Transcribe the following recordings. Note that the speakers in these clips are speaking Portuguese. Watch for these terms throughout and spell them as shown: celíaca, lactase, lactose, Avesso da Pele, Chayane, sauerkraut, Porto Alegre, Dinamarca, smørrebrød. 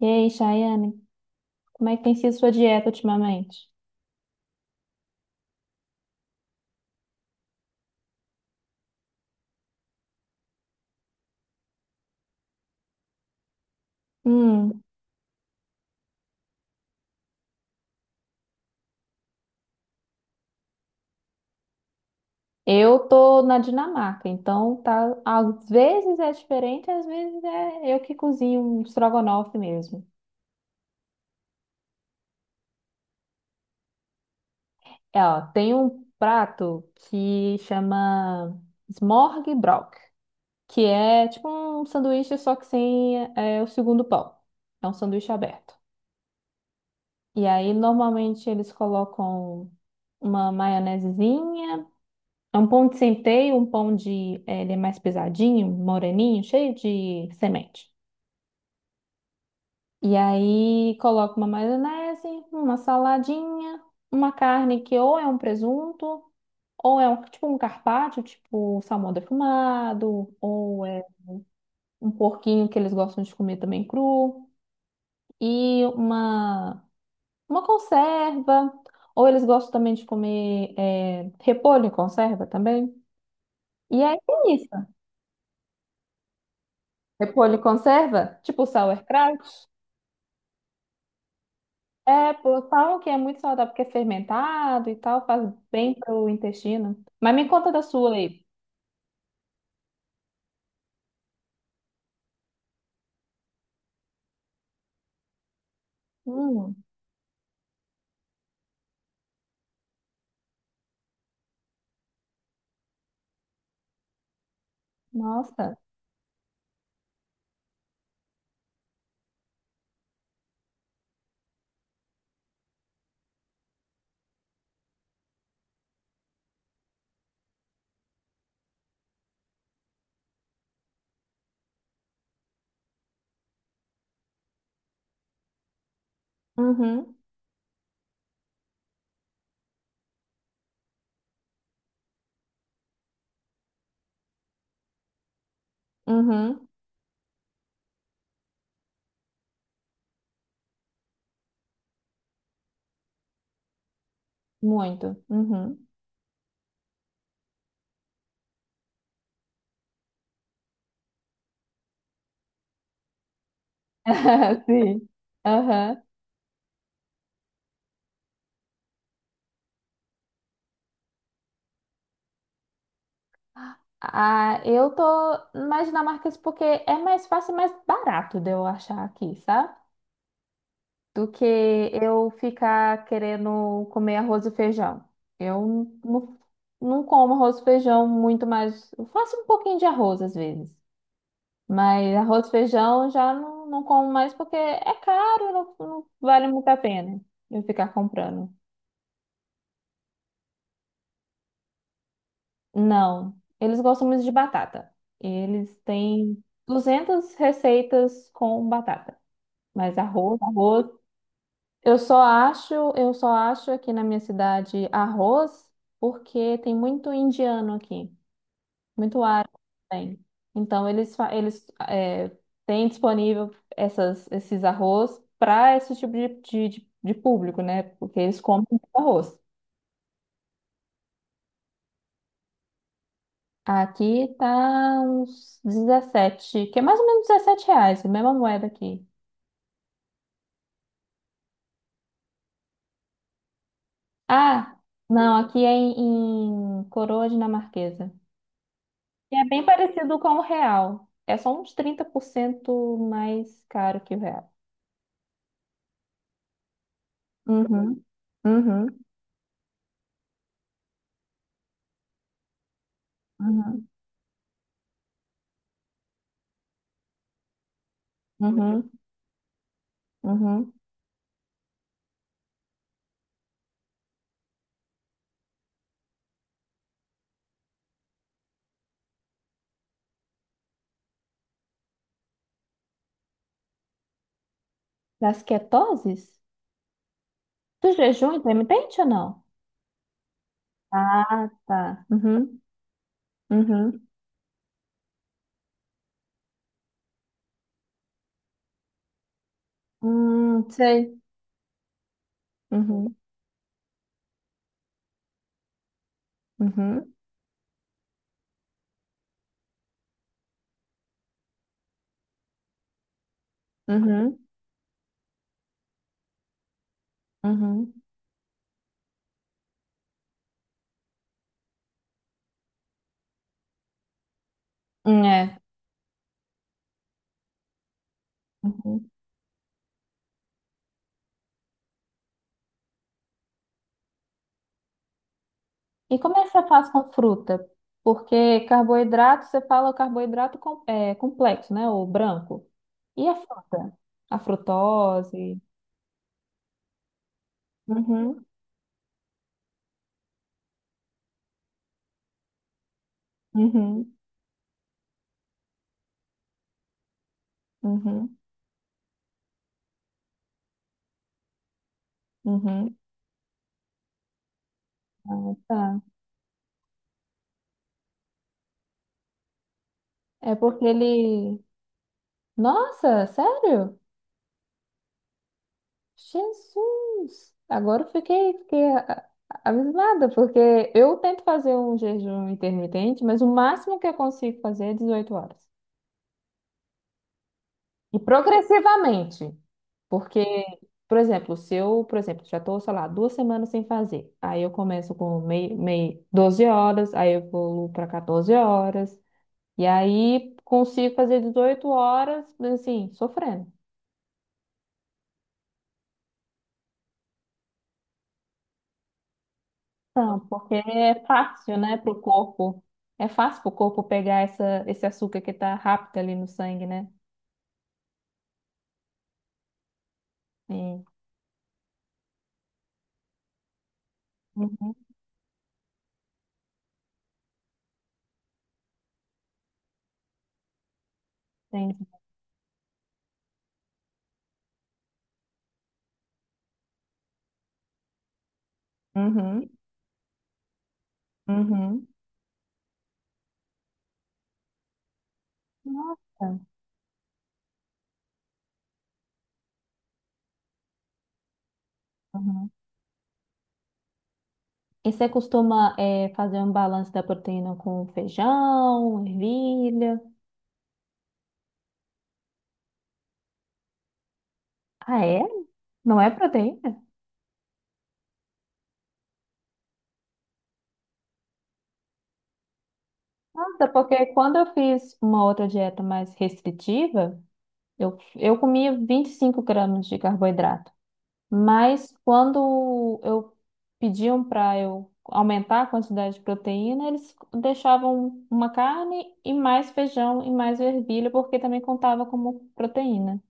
E aí, Chayane, como é que tem sido sua dieta ultimamente? Hum, eu tô na Dinamarca, então tá, às vezes é diferente, às vezes é eu que cozinho um estrogonofe mesmo. É, ó, tem um prato que chama smørrebrød, que é tipo um sanduíche só que sem o segundo pão. É um sanduíche aberto. E aí normalmente eles colocam uma maionesezinha. É um pão de centeio, um pão de. Ele é mais pesadinho, moreninho, cheio de semente. E aí coloco uma maionese, uma saladinha, uma carne que ou é um presunto, ou é um, tipo um carpaccio, tipo salmão defumado, ou é um porquinho que eles gostam de comer também cru, e uma conserva. Ou eles gostam também de comer repolho em conserva também. E aí é isso. Repolho conserva? Tipo sauerkraut? É, pô, falam que é muito saudável porque é fermentado e tal, faz bem pro intestino. Mas me conta da sua aí. Hum, nossa. Uhum, uhum, muito. Uhum. Sim. Aham. Ah, eu tô na Dinamarca isso porque é mais fácil e mais barato de eu achar aqui, sabe? Do que eu ficar querendo comer arroz e feijão. Eu não, não como arroz e feijão muito mais. Eu faço um pouquinho de arroz às vezes, mas arroz e feijão já não como mais porque é caro, não vale muito a pena eu ficar comprando. Não, eles gostam muito de batata. Eles têm 200 receitas com batata, mas arroz. Eu só acho aqui na minha cidade arroz porque tem muito indiano aqui, muito árabe também. Então eles fa- eles é, têm disponível essas esses arroz para esse tipo de público, né? Porque eles comem muito arroz. Aqui tá uns 17, que é mais ou menos R$ 17, a mesma moeda aqui. Ah, não, aqui é em, em coroa dinamarquesa. E é bem parecido com o real. É só uns 30% mais caro que o real. Uhum, uhum, uhum, uhum, uhum. Das ketoses? Do jejum intermitente ou não? Ah, tá. Uhum, uhum. Sei. Uhum, uhum, uhum, uhum. É. Uhum. E como é que você faz com fruta? Porque carboidrato, você fala carboidrato com, é, complexo, né? O branco. E a fruta? A frutose? Uhum, uhum, uhum, uhum. Ah, tá. É porque ele. Nossa, sério? Jesus! Agora eu fiquei abismada, porque eu tento fazer um jejum intermitente, mas o máximo que eu consigo fazer é 18 horas. E progressivamente. Porque, por exemplo, se eu, por exemplo, já estou, sei lá, duas semanas sem fazer, aí eu começo com meio, meio 12 horas, aí eu pulo para 14 horas, e aí consigo fazer 18 horas, assim, sofrendo. Não, porque é fácil, né, pro corpo. É fácil pro corpo pegar esse açúcar que tá rápido ali no sangue, né? Sim. Uhum, entendi. Uhum, uhum. Nossa. Uhum. E você costuma fazer um balanço da proteína com feijão, ervilha? Ah, é? Não é proteína? Nossa, porque quando eu fiz uma outra dieta mais restritiva, eu comia 25 gramas de carboidrato, mas quando eu pediam para eu aumentar a quantidade de proteína, eles deixavam uma carne e mais feijão e mais ervilha, porque também contava como proteína.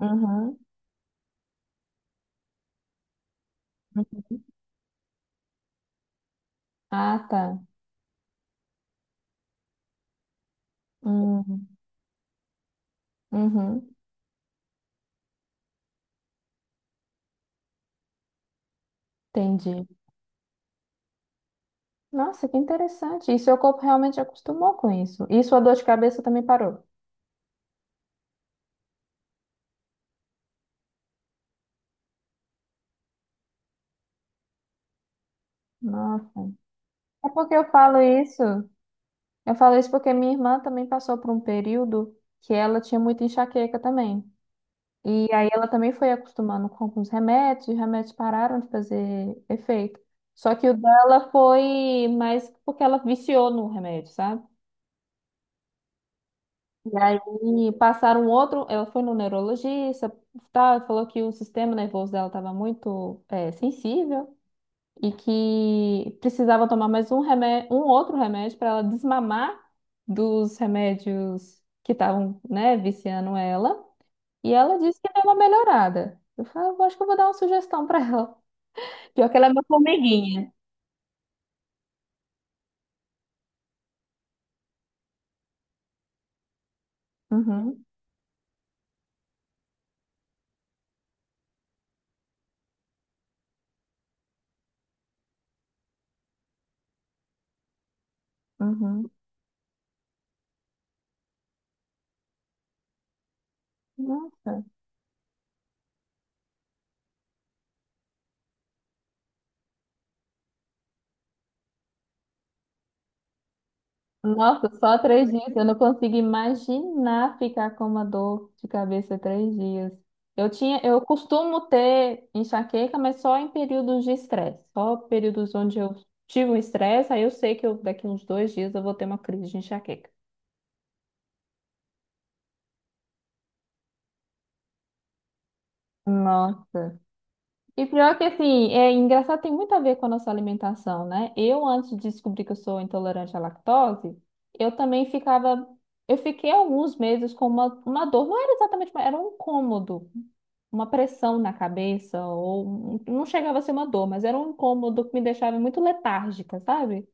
Uhum. Ah, tá. Uhum. Uhum. Entendi. Nossa, que interessante. E seu corpo realmente acostumou com isso. E sua dor de cabeça também parou. Nossa. É porque eu falo isso. Eu falo isso porque minha irmã também passou por um período que ela tinha muita enxaqueca também. E aí ela também foi acostumando com alguns remédios, e os remédios pararam de fazer efeito. Só que o dela foi mais porque ela viciou no remédio, sabe? E aí passaram um outro, ela foi no neurologista, tá, falou que o sistema nervoso dela estava muito sensível. E que precisava tomar mais um remédio, um outro remédio para ela desmamar dos remédios que estavam, né, viciando ela. E ela disse que deu uma melhorada. Eu falei, "Eu acho que eu vou dar uma sugestão para ela. Pior que ela é uma formiguinha." Uhum, uhum. Nossa. Nossa, só três dias. Eu não consigo imaginar ficar com uma dor de cabeça três dias. Eu tinha, eu costumo ter enxaqueca, mas só em períodos de estresse. Só períodos onde eu tive um estresse, aí eu sei que eu, daqui uns dois dias eu vou ter uma crise de enxaqueca. Nossa. E pior que assim, é engraçado, tem muito a ver com a nossa alimentação, né? Eu, antes de descobrir que eu sou intolerante à lactose, eu também ficava. Eu fiquei alguns meses com uma dor, não era exatamente, era um incômodo, uma pressão na cabeça, ou não chegava a ser uma dor, mas era um incômodo que me deixava muito letárgica, sabe?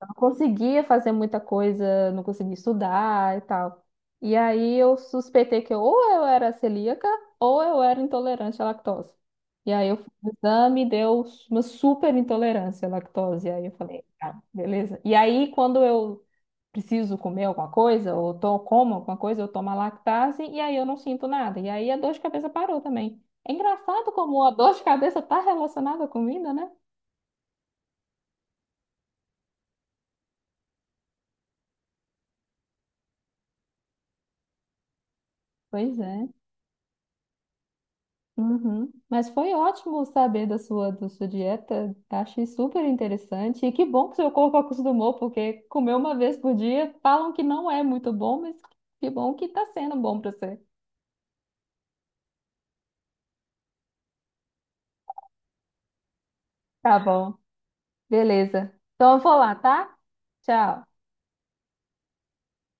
Não conseguia fazer muita coisa, não conseguia estudar e tal. E aí eu suspeitei que ou eu era celíaca ou eu era intolerante à lactose. E aí eu fiz o exame e deu uma super intolerância à lactose. E aí eu falei, ah, beleza. E aí quando eu preciso comer alguma coisa, ou to como alguma coisa, eu tomo a lactase e aí eu não sinto nada. E aí a dor de cabeça parou também. É engraçado como a dor de cabeça está relacionada à comida, né? Pois é. Uhum. Mas foi ótimo saber da da sua dieta. Achei super interessante. E que bom que seu corpo acostumou, porque comer uma vez por dia falam que não é muito bom, mas que bom que tá sendo bom pra você. Tá bom, beleza. Então eu vou lá, tá? Tchau.